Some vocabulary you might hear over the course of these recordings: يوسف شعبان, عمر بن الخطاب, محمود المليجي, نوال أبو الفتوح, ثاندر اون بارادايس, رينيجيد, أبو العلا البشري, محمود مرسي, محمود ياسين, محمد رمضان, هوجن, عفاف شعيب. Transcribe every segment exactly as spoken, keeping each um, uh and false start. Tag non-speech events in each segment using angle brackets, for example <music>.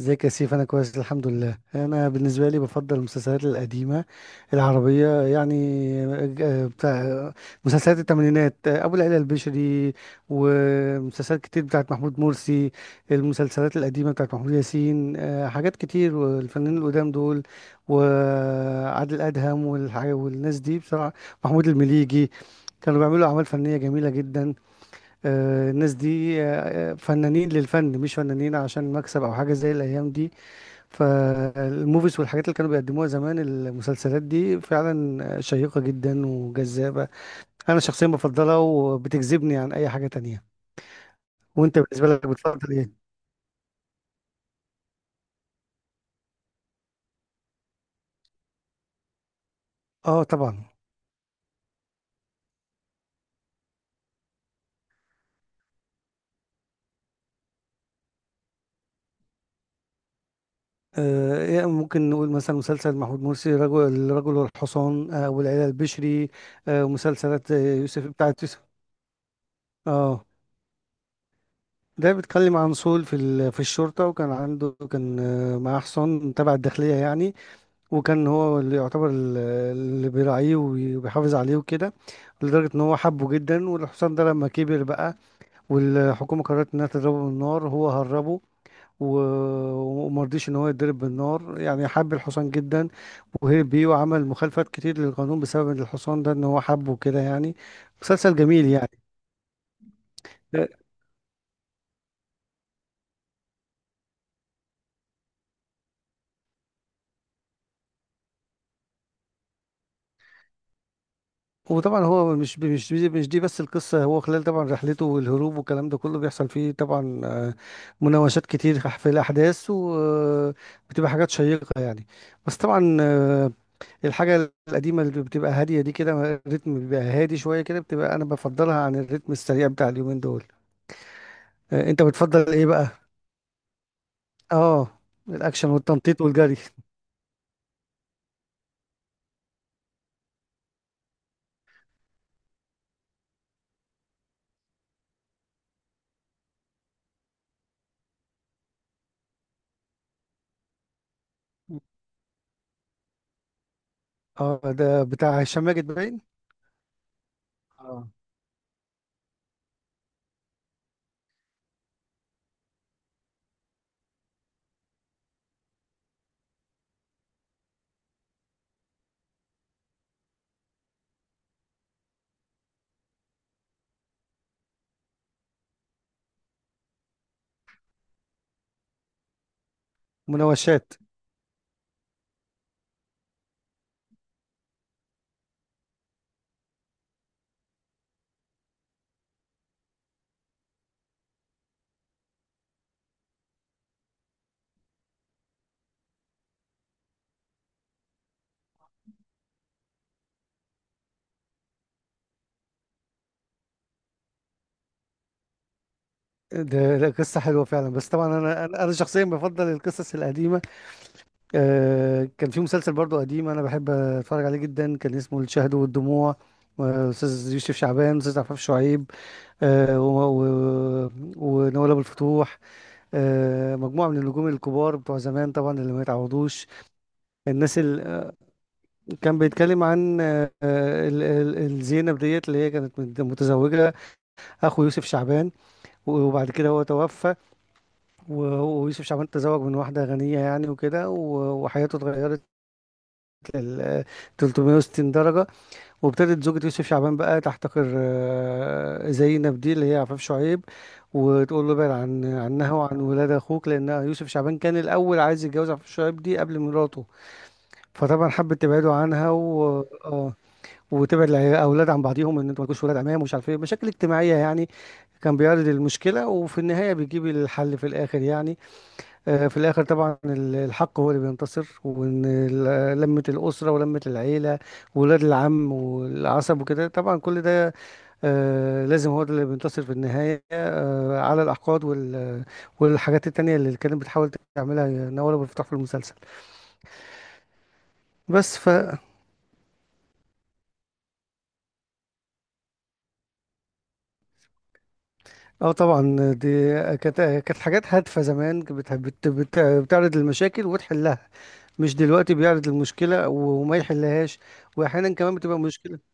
ازيك يا سيف، انا كويس الحمد لله. انا بالنسبه لي بفضل المسلسلات القديمه العربيه، يعني. آه، بتاع مسلسلات الثمانينات، ابو العلا البشري، ومسلسلات كتير بتاعت محمود مرسي. المسلسلات القديمه بتاعت محمود ياسين، آه، حاجات كتير، والفنانين القدام دول وعادل ادهم والح- والناس دي بصراحه. محمود المليجي كانوا بيعملوا أعمال فنية جميلة جدا. آه، الناس دي آه، آه، فنانين للفن، مش فنانين عشان مكسب أو حاجة زي الأيام دي. فالموفيز والحاجات اللي كانوا بيقدموها زمان، المسلسلات دي فعلا شيقة جدا وجذابة. انا شخصيا بفضلها وبتجذبني عن اي حاجة تانية. وانت بالنسبة لك بتفضل ايه؟ اه طبعا. آه إيه، ممكن نقول مثلا مسلسل محمود مرسي، رجل الرجل والحصان، آه والعيلة البشري. آه مسلسلات، آه، يوسف بتاعت يوسف. اه، ده بيتكلم عن صول في ال- في الشرطة، وكان عنده كان آه، معاه حصان تبع الداخلية، يعني. وكان هو اللي يعتبر ال- اللي بيراعيه وبي- وبيحافظ عليه وكده، لدرجة ان هو حبه جدا. والحصان ده لما كبر بقى والحكومة قررت انها تضربه بالنار، هو هربه و- ومرضيش ان هو يتضرب بالنار، يعني حب الحصان جدا وهرب بيه، وعمل مخالفات كتير للقانون بسبب إن الحصان ده، ان هو حبه كده، يعني. مسلسل جميل يعني. وطبعا هو مش مش دي مش دي بس القصة. هو خلال طبعا رحلته والهروب والكلام ده كله بيحصل فيه طبعا آه، مناوشات كتير في الأحداث، وبتبقى حاجات شيقة يعني. بس طبعا، آه، الحاجة القديمة اللي بتبقى هادية دي، كده الريتم بيبقى هادي شوية كده، بتبقى أنا بفضلها عن الريتم السريع بتاع اليومين دول. آه، أنت بتفضل إيه بقى؟ آه الأكشن والتنطيط والجري. آه ده بتاع هشام ماجد باين. اه، مناوشات. ده ده قصة حلوة فعلا، بس طبعا أنا أنا أنا شخصيا بفضل القصص القديمة. آه، كان في مسلسل برضو قديم أنا بحب أتفرج عليه جدا، كان اسمه الشهد والدموع. آه، أستاذ يوسف شعبان، أستاذ عفاف شعيب، آه، و- و- ونوال أبو الفتوح، آه، مجموعة من النجوم الكبار بتوع زمان طبعا، اللي ما يتعوضوش. الناس اللي كان بيتكلم عن آه، آه، ال- ال- الزينب ديت اللي هي كانت متزوجة أخو يوسف شعبان. وبعد كده هو توفى، وهو ويوسف شعبان تزوج من واحدة غنية يعني، وكده و- وحياته اتغيرت لل ثلاثمية وستين درجة. وابتدت زوجة يوسف شعبان بقى تحتقر آه، زينب دي اللي هي عفاف شعيب، وتقول له ابعد عن عنها وعن ولاد اخوك، لان يوسف شعبان كان الاول عايز يتجوز عفاف شعيب دي قبل مراته. فطبعا حبت تبعده عنها، و آه، وتبعد الاولاد عن بعضيهم، ان انتوا مالكوش ولاد عمام ومش عارف ايه، مشاكل اجتماعيه يعني. كان بيعرض المشكله، وفي النهايه بيجيب الحل في الاخر يعني. آه، في الآخر طبعا ال- الحق هو اللي بينتصر، وإن ال- لمة الأسرة ولمة العيلة وولاد العم والعصب وكده، طبعا كل ده آه، لازم هو ده اللي بينتصر في النهاية آه، على الأحقاد وال- والحاجات التانية اللي كانت بتحاول تعملها نوال أبو الفتح في المسلسل. بس ف اه طبعا، دي كانت كانت حاجات هادفة زمان، كانت بت... بت... بت... بتعرض المشاكل وتحلها. مش دلوقتي بيعرض المشكلة وما يحلهاش، وأحيانا كمان بتبقى مشكلة.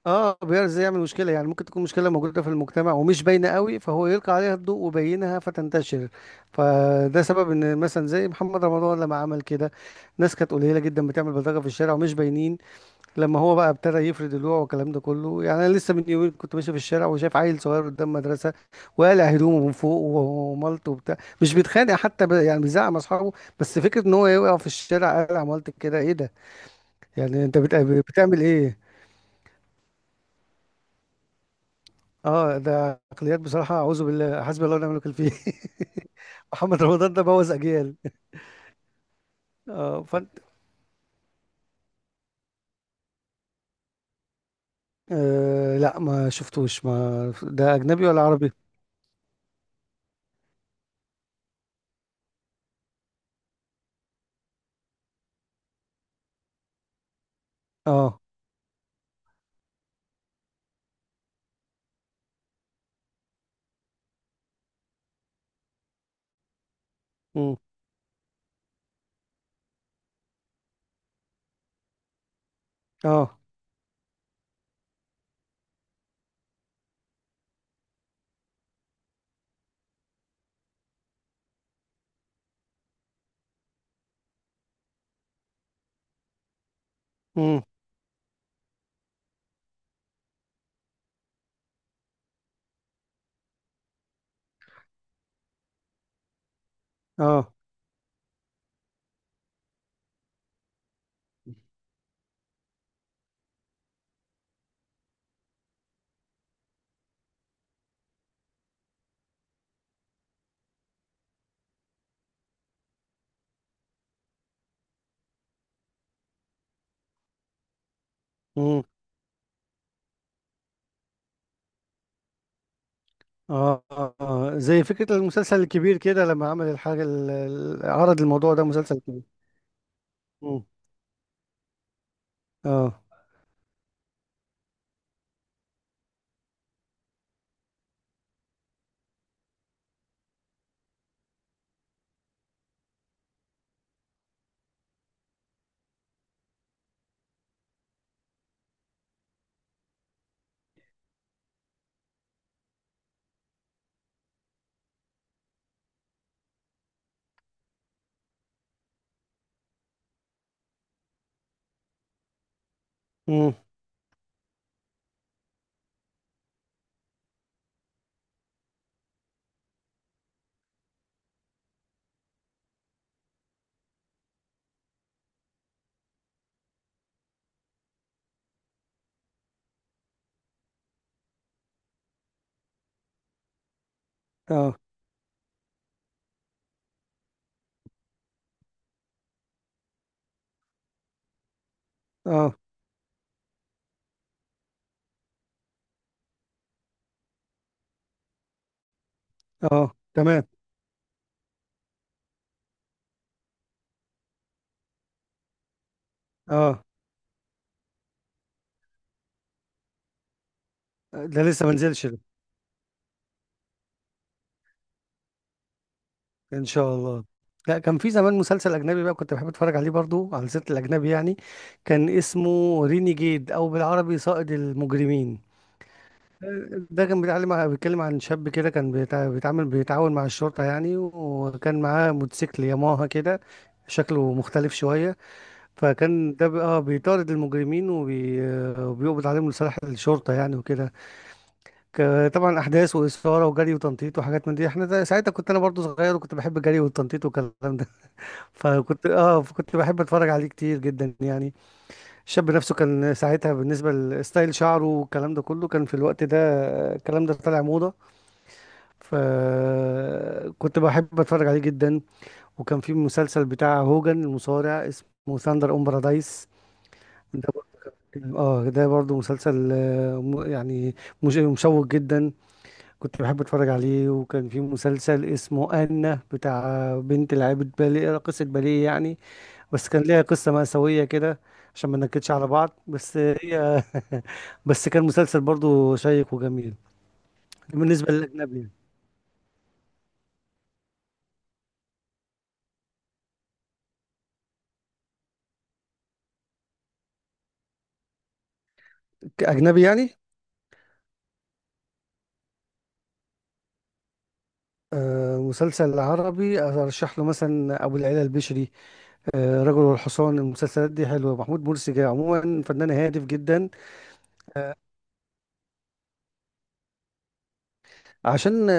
اه، بيعرف ازاي يعمل مشكله، يعني ممكن تكون مشكله موجوده في المجتمع ومش باينه قوي، فهو يلقي عليها الضوء وبينها فتنتشر. فده سبب ان مثلا زي محمد رمضان لما عمل كده، ناس كانت قليله جدا بتعمل بلطجه في الشارع ومش باينين. لما هو بقى ابتدى يفرد الوعي والكلام ده كله، يعني انا لسه من يومين كنت ماشي في الشارع وشايف عيل صغير قدام مدرسه وقالع هدومه من فوق ومالته وبتاع، مش بيتخانق حتى ب... يعني بيزعق مع اصحابه، بس فكره ان هو يقع في الشارع قالع مالتك كده، ايه ده؟ يعني انت بت... بتعمل ايه؟ اه، ده عقليات بصراحة، أعوذ بالله، حسبي الله ونعم الوكيل فيه. <laughs> محمد رمضان ده بوظ أجيال. اه فانت. آه لا، ما شفتوش، ما ده أجنبي ولا عربي؟ اه. مم. اه. مم. اه. مم. آه. آه. آه. زي فكرة المسلسل الكبير كده، لما عمل الحاجة ال- ال- عرض الموضوع ده مسلسل كبير. مم. اه. مم. اه. اه. اه تمام. اه. ده لسه ما نزلش. ان شاء الله. لا، كان في زمان مسلسل اجنبي بقى كنت بحب اتفرج عليه، برضو على سيره الاجنبي يعني. كان اسمه رينيجيد، او بالعربي صائد المجرمين. ده كان بيتعلم ع- بيتكلم عن شاب كده، كان بيتع- بيتعامل بيتعاون مع الشرطه يعني، وكان معاه موتوسيكل ياماها كده، شكله مختلف شويه. فكان ده بقى آه بيطارد المجرمين وبي... وبيقبض عليهم لصالح الشرطه يعني، وكده. ك- طبعا احداث واثاره وجري وتنطيط وحاجات من دي. احنا ده- ساعتها كنت انا برضو صغير، وكنت بحب الجري والتنطيط والكلام. فكنت اه فكنت بحب اتفرج عليه كتير جدا يعني. الشاب نفسه كان ساعتها بالنسبه لستايل شعره والكلام ده كله، كان في الوقت ده الكلام ده طالع موضه. فكنت بحب اتفرج عليه جدا. وكان في مسلسل بتاع هوجن المصارع، اسمه ثاندر اون بارادايس. ده بر- اه، ده برضه مسلسل آه، م- يعني مش- مشوق جدا، كنت بحب اتفرج عليه. وكان في مسلسل اسمه، انا بتاع بنت لعيبه باليه، راقصه باليه يعني، بس كان ليها قصة مأساوية كده، عشان ما ننكدش على بعض، بس هي <laughs> بس كان مسلسل برضو شيق وجميل. بالنسبة للأجنبي، أجنبي يعني. آه، مسلسل عربي أرشح له مثلا أبو العلا البشري، آه، رجل والحصان. المسلسلات دي حلوة، محمود مرسي جاي عموما فنان هادف جدا. عشان آه،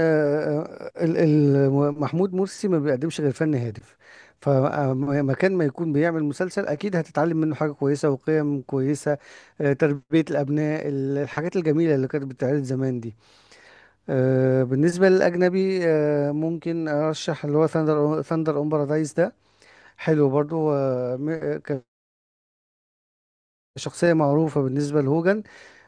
آه، ال- ال- محمود مرسي ما بيقدمش غير فن هادف، فمكان ما يكون بيعمل مسلسل اكيد هتتعلم منه حاجة كويسة وقيم كويسة، آه، تربية الابناء، ال- الحاجات الجميلة اللي كانت بتتعرض زمان دي. آه، بالنسبة للاجنبي، آه، ممكن ارشح اللي هو ثاندر ثاندر اون بارادايس. ده حلو برضو، آه، م- آه، كشخصية معروفة بالنسبة لهوجن،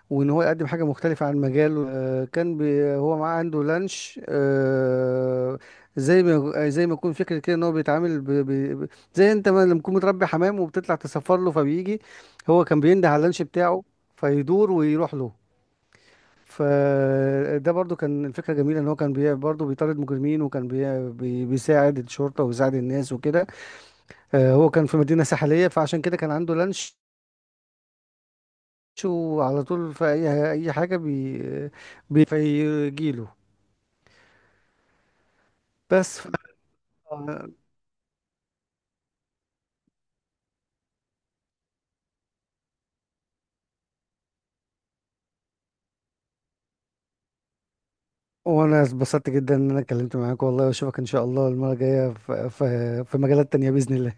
وان هو يقدم حاجه مختلفه عن مجاله. آه، كان بي هو معاه عنده لانش. آه، زي ما زي ما يكون فكره كده، ان هو بيتعامل ب... ب... ب- زي انت ما لما تكون متربي حمام وبتطلع تسفر له فبيجي، هو كان بينده على اللانش بتاعه فيدور ويروح له. فده برضو كان الفكره جميله، ان هو كان بي... برضو بيطارد مجرمين، وكان بي... بي... بيساعد الشرطه وبيساعد الناس وكده. آه، هو كان في مدينه ساحليه، فعشان كده كان عنده لانش، شو على طول في اي اي حاجه بي بيجيله. بس ف... وانا اتبسطت جدا ان انا اتكلمت معاك والله، واشوفك ان شاء الله المره الجايه في في في مجالات تانية باذن الله.